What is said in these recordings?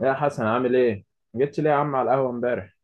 يا حسن عامل ايه؟ ما جيتش ليه يا عم على القهوة امبارح؟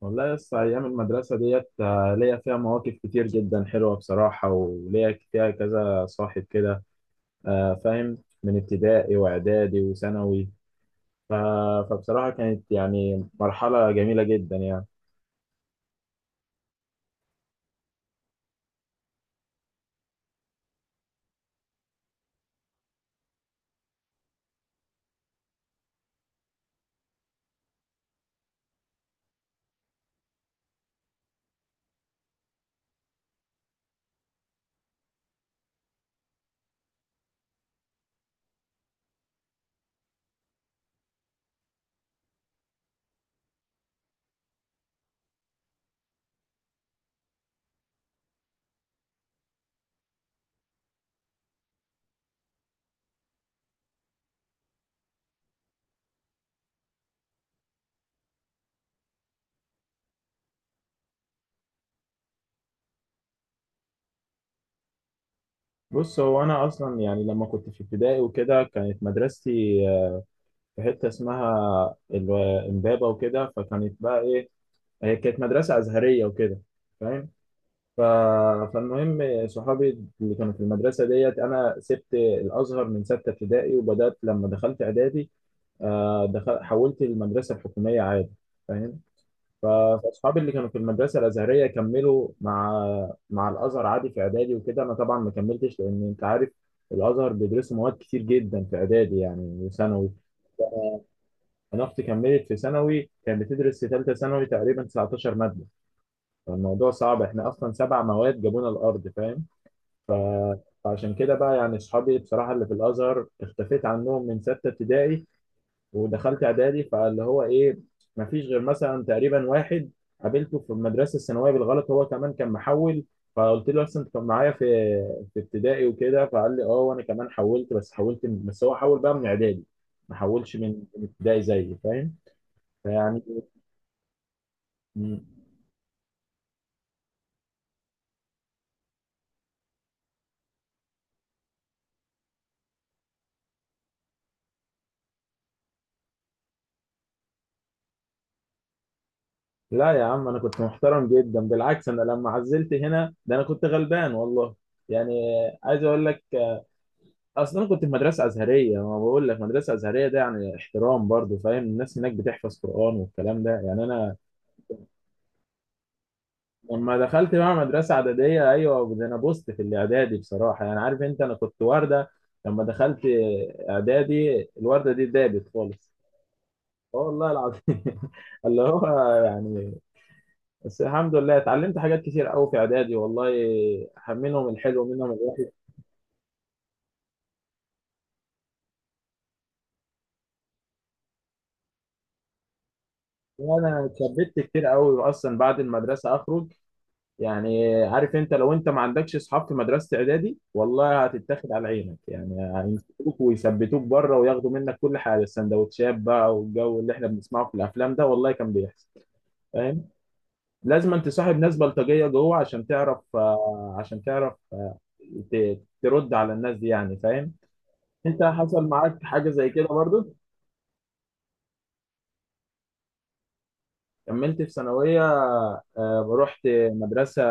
والله لسه أيام المدرسة ديت ليا فيها مواقف كتير جدا حلوة بصراحة، وليا فيها كذا صاحب كده. آه، فاهم. من ابتدائي وإعدادي وثانوي. ف- فبصراحة كانت يعني مرحلة جميلة جدا يعني. بص، هو أنا أصلا يعني لما كنت في ابتدائي وكده كانت مدرستي، آه، في حتة اسمها إمبابة وكده، فكانت بقى إيه، هي كانت مدرسة أزهرية وكده. فاهم؟ ف... فالمهم صحابي اللي كانوا في المدرسة ديت، أنا سبت الأزهر من ستة ابتدائي وبدأت لما دخلت إعدادي. آه، حولت المدرسة الحكومية عادي. فاهم. ف- فأصحابي اللي كانوا في المدرسة الأزهرية كملوا مع الأزهر عادي في إعدادي وكده. أنا طبعا ما كملتش، لأن أنت عارف الأزهر بيدرسوا مواد كتير جدا في إعدادي يعني وثانوي. أنا أختي كملت في ثانوي، كانت بتدرس في ثالثة ثانوي تقريبا 19 مادة. فالموضوع صعب، إحنا أصلا سبع مواد جابونا الأرض. فاهم. فعشان كده بقى يعني اصحابي بصراحه اللي في الازهر اختفيت عنهم من سته ابتدائي ودخلت اعدادي. فاللي هو ايه، مفيش غير مثلا تقريبا واحد قابلته في المدرسه الثانويه بالغلط، هو كمان كان محول. فقلت له اصلا انت كان معايا في ابتدائي وكده، فقال لي اه وانا كمان حولت، بس هو حول بقى من اعدادي، ما حولش من من ابتدائي زيي. فاهم. فيعني مم. لا يا عم، انا كنت محترم جدا، بالعكس. انا لما عزلت هنا ده انا كنت غلبان والله يعني. عايز اقول لك، اصل انا كنت في مدرسه ازهريه، ما بقول لك مدرسه ازهريه ده يعني احترام برضو. فاهم، الناس هناك بتحفظ قران والكلام ده يعني. انا لما دخلت بقى مدرسه اعداديه، ايوه ده انا بوست في الاعدادي بصراحه يعني. عارف انت انا كنت ورده، لما دخلت اعدادي الورده دي دابت خالص. اه والله العظيم اللي هو يعني بس الحمد لله اتعلمت حاجات كتير قوي في اعدادي والله، منهم الحلو منهم الوحش. انا اتثبت كتير قوي اصلا بعد المدرسه اخرج يعني. عارف انت، لو انت ما عندكش اصحاب في مدرسه اعدادي والله هتتاخد على عينك يعني، هيمسكوك ويثبتوك بره وياخدوا منك كل حاجه، السندوتشات بقى والجو اللي احنا بنسمعه في الافلام ده والله كان بيحصل. فاهم. لازم انت تصاحب ناس بلطجيه جوه عشان تعرف، آه، عشان تعرف ترد على الناس دي يعني. فاهم. انت حصل معاك حاجه زي كده برضو؟ كملت في ثانوية، آه، رحت مدرسة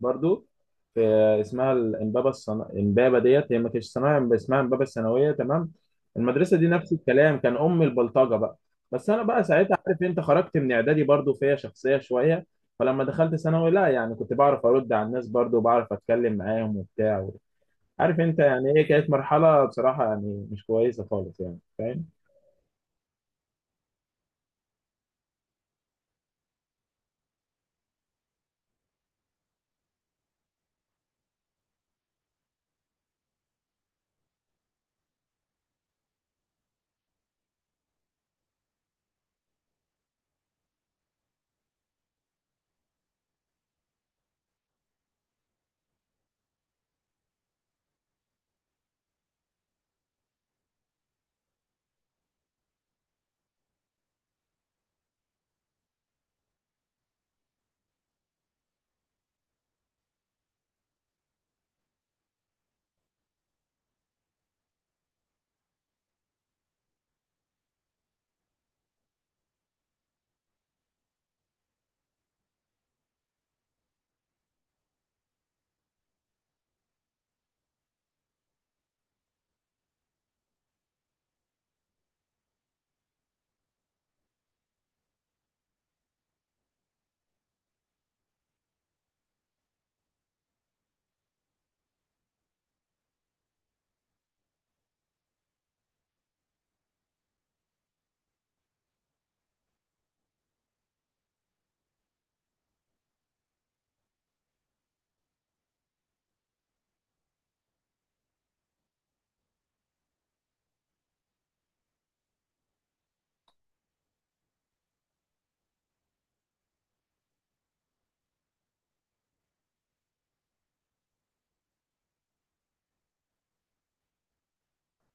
برضو في، اسمها إمبابة ديت هي ما كانتش صناعة، اسمها إمبابة الثانوية. تمام. المدرسة دي نفس الكلام، كان أم البلطجة بقى. بس أنا بقى ساعتها عارف أنت خرجت من إعدادي برضو فيها شخصية شوية. فلما دخلت ثانوي، لا يعني كنت بعرف أرد على الناس برضو وبعرف أتكلم معاهم وبتاع. عارف أنت يعني إيه، كانت مرحلة بصراحة يعني مش كويسة خالص يعني. فاهم.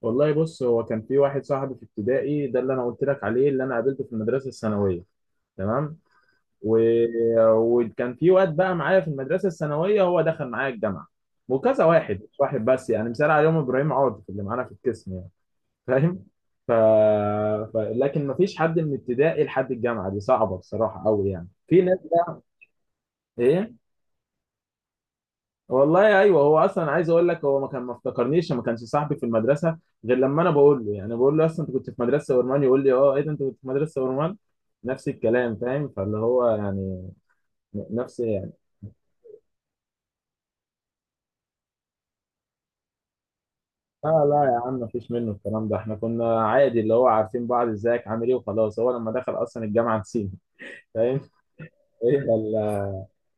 والله بص، هو كان في واحد صاحبي في ابتدائي ده اللي انا قلت لك عليه، اللي انا قابلته في المدرسه الثانويه. تمام. و... وكان في واد بقى معايا في المدرسه الثانويه هو دخل معايا الجامعه، وكذا واحد مش واحد بس. يعني مثال عليهم ابراهيم عاطف اللي معانا في القسم يعني. فاهم. ف... لكن مفيش حد من ابتدائي لحد الجامعه، دي صعبه بصراحه قوي يعني، في ناس. ايه. والله ايوه، هو اصلا عايز اقول لك، هو ما كان ما افتكرنيش، ما كانش صاحبي في المدرسه، غير لما انا بقول له يعني، بقول له اصلا انت كنت في مدرسه ورمان، يقول لي اه ايه ده انت كنت في مدرسه ورمان، نفس الكلام. فاهم. فاللي هو يعني نفس يعني. لا لا يا عم، مفيش منه الكلام ده، احنا كنا عادي اللي هو عارفين بعض، ازيك عامل ايه، وخلاص. هو لما دخل اصلا الجامعه نسينا. فاهم. هي ال-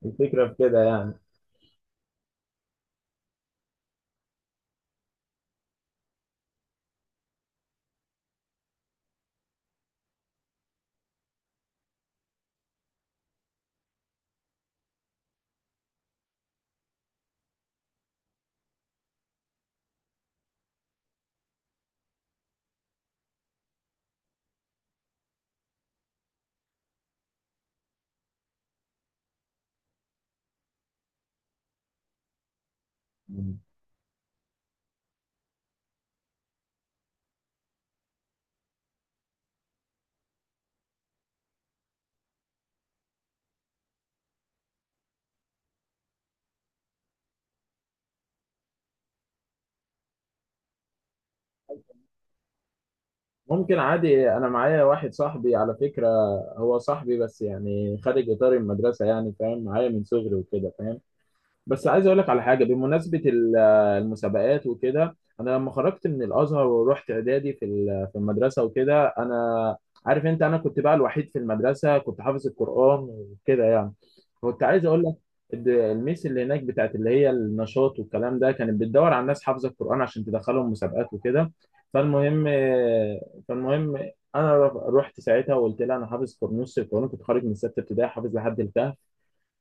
الفكره في كده يعني. ممكن عادي، انا معايا واحد صاحبي على فكره، هو صاحبي بس يعني خارج اطار المدرسه يعني. فاهم، معايا من صغري وكده. فاهم. بس عايز اقول لك على حاجه بمناسبه المسابقات وكده. انا لما خرجت من الازهر ورحت اعدادي في المدرسه وكده، انا عارف انت، انا كنت بقى الوحيد في المدرسه كنت حافظ القران وكده يعني. كنت عايز اقول لك، الميس اللي هناك بتاعت اللي هي النشاط والكلام ده كانت بتدور على ناس حافظه القران عشان تدخلهم مسابقات وكده. فالمهم فالمهم، انا رحت ساعتها وقلت لها انا حافظ نص القران، كنت خارج من سته ابتدائي حافظ لحد الكهف.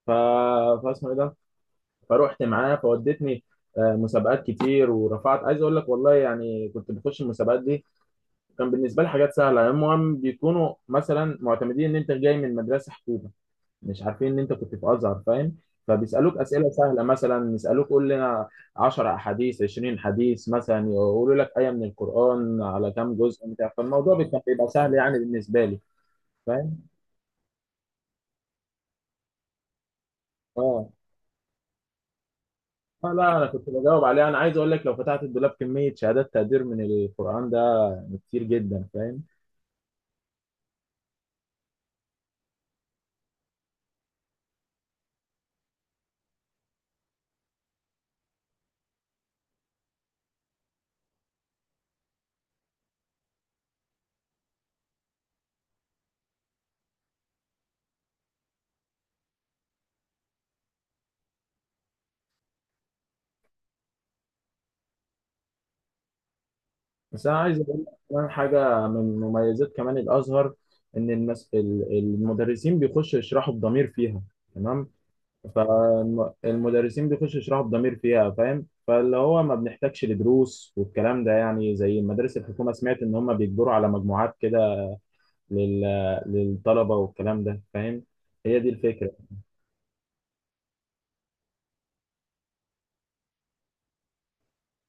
ف... فاسمه ايه ده، فروحت معاه فودتني آه، مسابقات كتير ورفعت. عايز اقول لك والله يعني، كنت بخش المسابقات دي كان بالنسبه لي حاجات سهله، المهم بيكونوا مثلا معتمدين ان انت جاي من مدرسه حكومه، مش عارفين ان انت كنت في ازهر. فاهم. فبيسالوك اسئله سهله، مثلا يسالوك قول لنا 10 احاديث، 20 حديث، مثلا يقولوا لك ايه من القران على كام جزء بتاع. فالموضوع كان بيبقى سهل يعني بالنسبه لي. فاهم. اه آه لا انا كنت بجاوب عليها. انا عايز اقول لك، لو فتحت الدولاب كميه شهادات تقدير من القران ده يعني كتير جدا. فاهم. بس انا عايز اقول لك كمان حاجه من مميزات كمان الازهر، ان المدرسين بيخشوا يشرحوا بضمير فيها. تمام. فالمدرسين بيخشوا يشرحوا بضمير فيها. فاهم. فاللي هو ما بنحتاجش لدروس والكلام ده يعني، زي مدارس الحكومه، سمعت ان هم بيجبروا على مجموعات كده لل... للطلبه والكلام ده. فاهم. هي دي الفكره.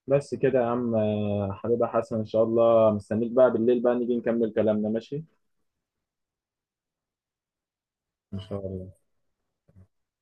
بس كده يا عم. آه، حبيبي يا حسن، ان شاء الله مستنيك بقى بالليل بقى نيجي نكمل كلامنا. ماشي. إن شاء الله.